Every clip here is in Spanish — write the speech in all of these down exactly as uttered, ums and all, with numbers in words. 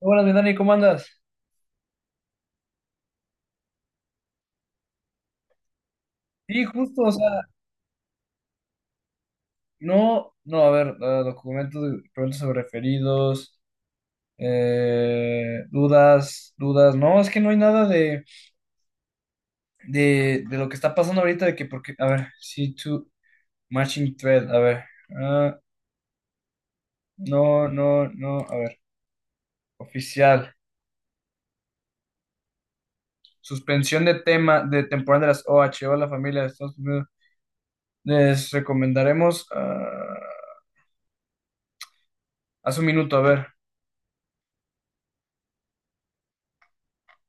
Buenas mi Dani, ¿cómo andas? Sí, justo, o sea, no, no, a ver, eh, documentos, documentos sobre referidos, eh, dudas, dudas, no, es que no hay nada de, de, de lo que está pasando ahorita, de que, porque, a ver, C dos, matching thread, a ver, ah, no, no, no, a ver, oficial, suspensión de tema, de temporada de las OH, la familia de Estados Unidos, les recomendaremos, ah, hace un minuto, a ver.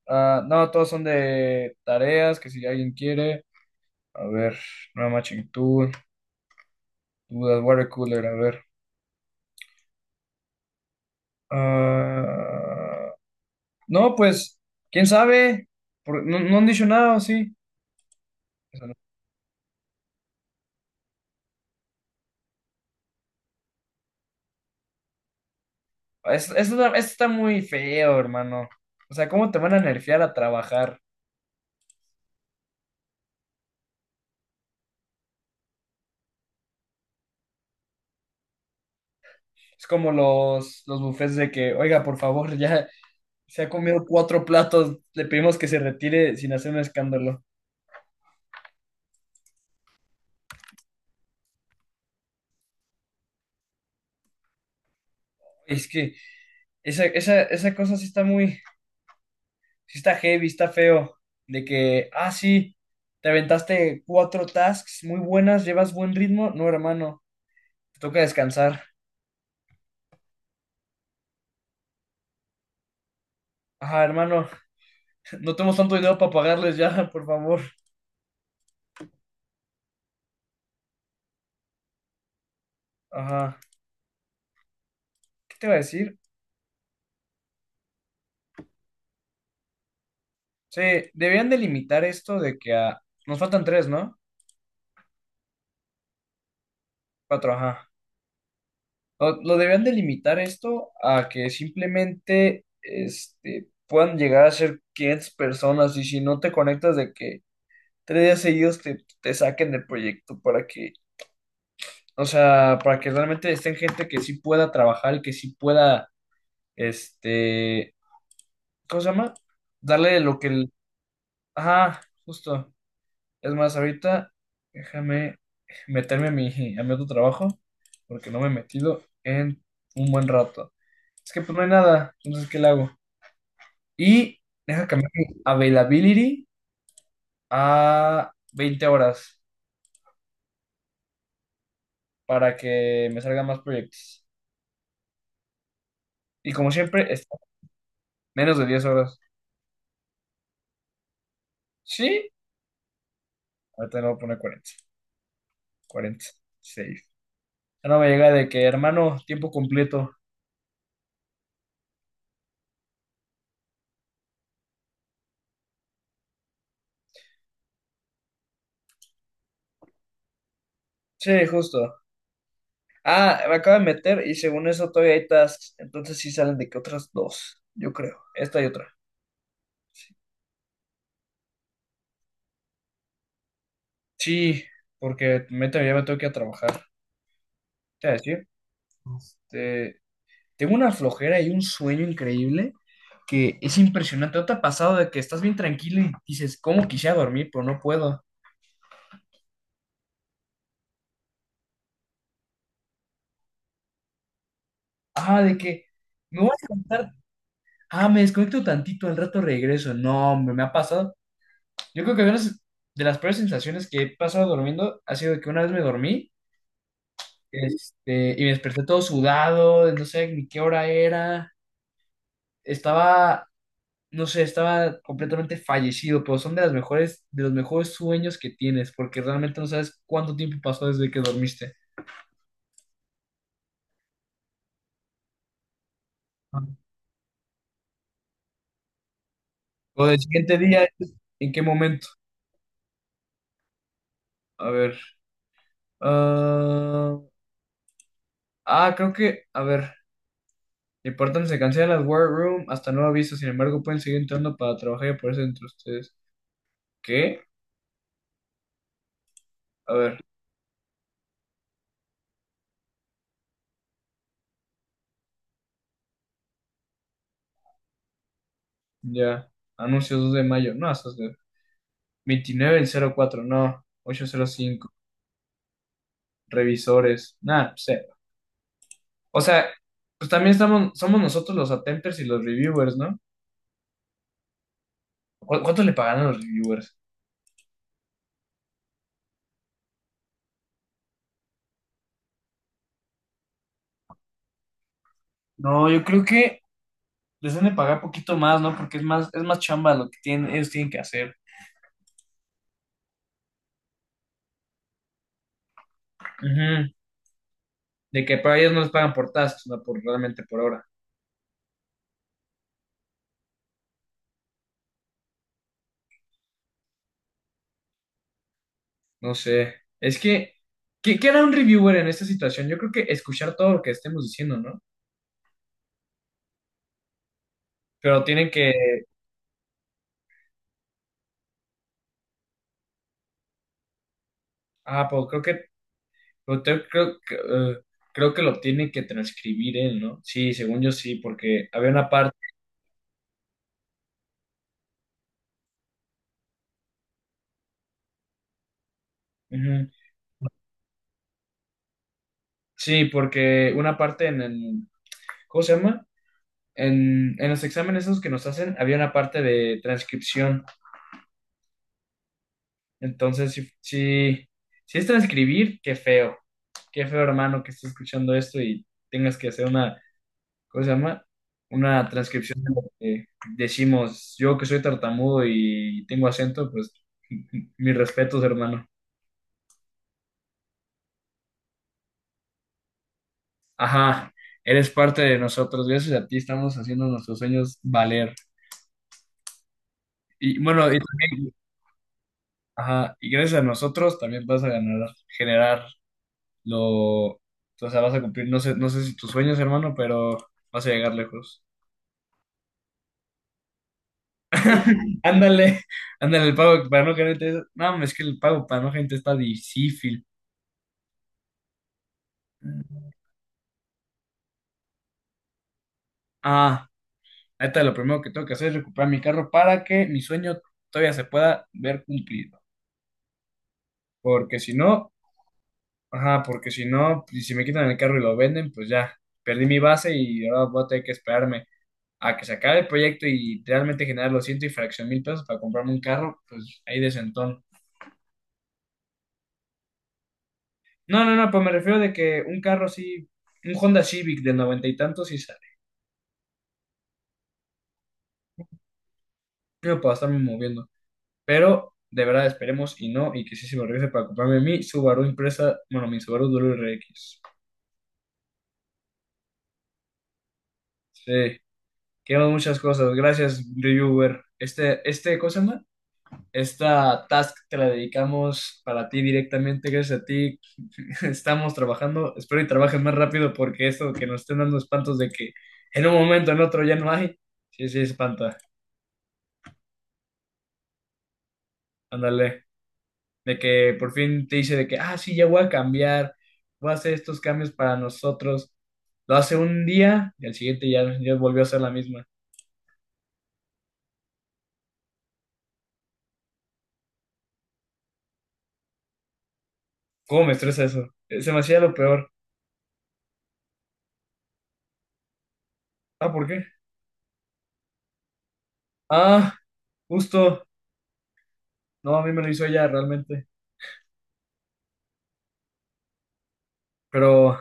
Ah, no, todos son de tareas, que si alguien quiere. A ver, no matching tool, dudas, water cooler, a ver. Ah, no, pues, quién sabe. Por- no, no han dicho nada, ¿o sí? Eso no. Es- Esto, da- esto está muy feo, hermano. O sea, ¿cómo te van a nerfear a trabajar? Es como los, los bufés de que, oiga, por favor, ya se ha comido cuatro platos, le pedimos que se retire sin hacer un escándalo. Es que esa, esa, esa cosa sí está muy, sí está heavy, está feo, de que, ah, sí, te aventaste cuatro tasks muy buenas, llevas buen ritmo, no, hermano, te toca descansar. Ajá, hermano, no tenemos tanto dinero para pagarles ya, por favor. Ajá, ¿qué te iba a decir? Sí, debían delimitar esto de que a... Nos faltan tres, ¿no? Cuatro, ajá. Lo, lo debían delimitar esto a que simplemente, este, puedan llegar a ser quinientas personas y si no te conectas de que tres días seguidos te, te saquen del proyecto para que o sea, para que realmente estén gente que sí pueda trabajar, y que sí pueda, este, ¿cómo se llama? Darle lo que el... Ajá, justo. Es más, ahorita déjame meterme a mi, a mi otro trabajo, porque no me he metido en un buen rato. Es que pues no hay nada, entonces, ¿qué le hago? Y deja cambiar mi availability a veinte horas para que me salgan más proyectos. Y como siempre, está menos de diez horas. Sí, ahorita le voy a poner cuarenta, cuarenta y seis. Ya no me llega de que, hermano, tiempo completo. Sí, justo. Ah, me acabo de meter y según eso todavía hay tasks. Entonces sí salen de que otras dos, yo creo. Esta y otra. Sí, porque me te- ya me tengo que ir a trabajar. Te voy a decir, te- tengo una flojera y un sueño increíble que es impresionante. ¿No te ha pasado de que estás bien tranquilo y dices, cómo quisiera dormir, pero no puedo? Ah, de que me voy a desconectar. Ah, me desconecto tantito, al rato regreso. No, hombre, me ha pasado. Yo creo que una de las peores sensaciones que he pasado durmiendo ha sido que una vez me dormí, este, y me desperté todo sudado, no sé ni qué hora era, estaba, no sé, estaba completamente fallecido, pero son de las mejores, de los mejores sueños que tienes, porque realmente no sabes cuánto tiempo pasó desde que dormiste. Ah. O del siguiente día, ¿en qué momento? A ver. ah, ah, Creo que, a ver, el se cancela las War Room hasta nuevo aviso, sin embargo pueden seguir entrando para trabajar y aparecer entre ustedes. ¿Qué? A ver, ya. Anuncios dos de mayo. No, eso es de veintinueve del cero cuatro, no. Ocho cero cinco, Revisores. Nada, sé. O sea, pues también estamos, somos nosotros los attempters y los reviewers, ¿no? ¿Cu- ¿Cuánto le pagan a los reviewers? No, yo creo que les deben de pagar poquito más, ¿no? Porque es más, es más chamba lo que tienen, ellos tienen que hacer. Ujú. De que para ellos no les pagan por tasks, no por realmente por hora. No sé. Es que, ¿qué, qué hará un reviewer en esta situación? Yo creo que escuchar todo lo que estemos diciendo, ¿no? Pero tienen que, ah, pues creo que, pero te- creo que, eh, creo que lo tiene que transcribir él, ¿no? Sí, según yo sí, porque había una parte, ujú, sí, porque una parte en, el, ¿cómo se llama? En, en los exámenes esos que nos hacen, había una parte de transcripción. Entonces, sí, sí, si es transcribir, qué feo, qué feo, hermano, que estés escuchando esto y tengas que hacer una, ¿cómo se llama? Una transcripción de lo que decimos. Yo que soy tartamudo y tengo acento, pues mis respetos, hermano. Ajá, eres parte de nosotros. Gracias a ti estamos haciendo nuestros sueños valer. Y bueno, y también, ajá, y gracias a nosotros también vas a ganar, generar lo, o sea, vas a cumplir, no sé, no sé si tus sueños, hermano, pero vas a llegar lejos. Ándale, ándale, el pago para no gente, no, es que el pago para no gente está difícil. Ah, ahorita lo primero que tengo que hacer es recuperar mi carro para que mi sueño todavía se pueda ver cumplido. Porque si no, ajá, porque si no, y si me quitan el carro y lo venden, pues ya, perdí mi base y ahora voy a tener que esperarme a que se acabe el proyecto y realmente generar los ciento y fracción mil pesos para comprarme un carro, pues ahí de sentón. No, no, no, pues me refiero de que un carro así, un Honda Civic de noventa y tantos sí sale. Yo puedo estarme moviendo. Pero de verdad esperemos y no, y que sí se me regrese para comprarme mi Subaru impresa, bueno, mi Subaru W R X. Sí, queremos muchas cosas. Gracias, reviewer. Este, este, ¿cómo se llama? Esta task te la dedicamos para ti directamente, gracias a ti. Estamos trabajando, espero y trabajes más rápido porque esto que nos estén dando espantos de que en un momento, en otro ya no hay, sí, sí, espanta. Ándale. De que por fin te dice de que, ah, sí, ya voy a cambiar, voy a hacer estos cambios para nosotros. Lo hace un día y al siguiente ya, ya volvió a ser la misma. ¿Cómo me estresa eso? Eh, Se me hacía lo peor. Ah, ¿por qué? Ah, justo. No, a mí me lo hizo ella realmente. Pero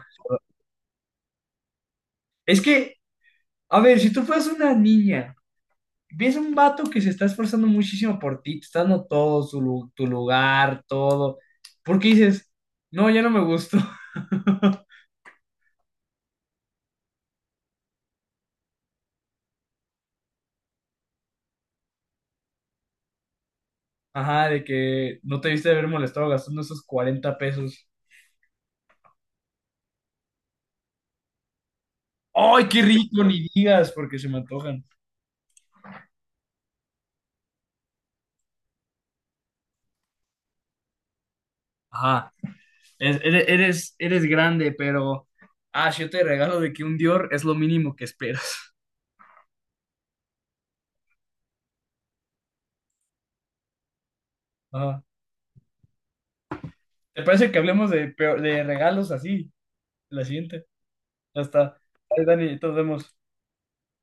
es que, a ver, si tú fueras una niña, ves un vato que se está esforzando muchísimo por ti, te está dando todo, su, lu- tu lugar, todo, ¿por qué dices, no, ya no me gustó? Ajá, de que no te debiste de haber molestado gastando esos cuarenta pesos. ¡Ay, qué rico! Ni digas, porque se me antojan. Ajá, es- eres, eres, eres grande, pero... Ah, si yo te regalo de que un Dior es lo mínimo que esperas. Ajá. ¿Te parece que hablemos de, peor- de regalos así? La siguiente. Ya está. Ahí, Dani, nos vemos.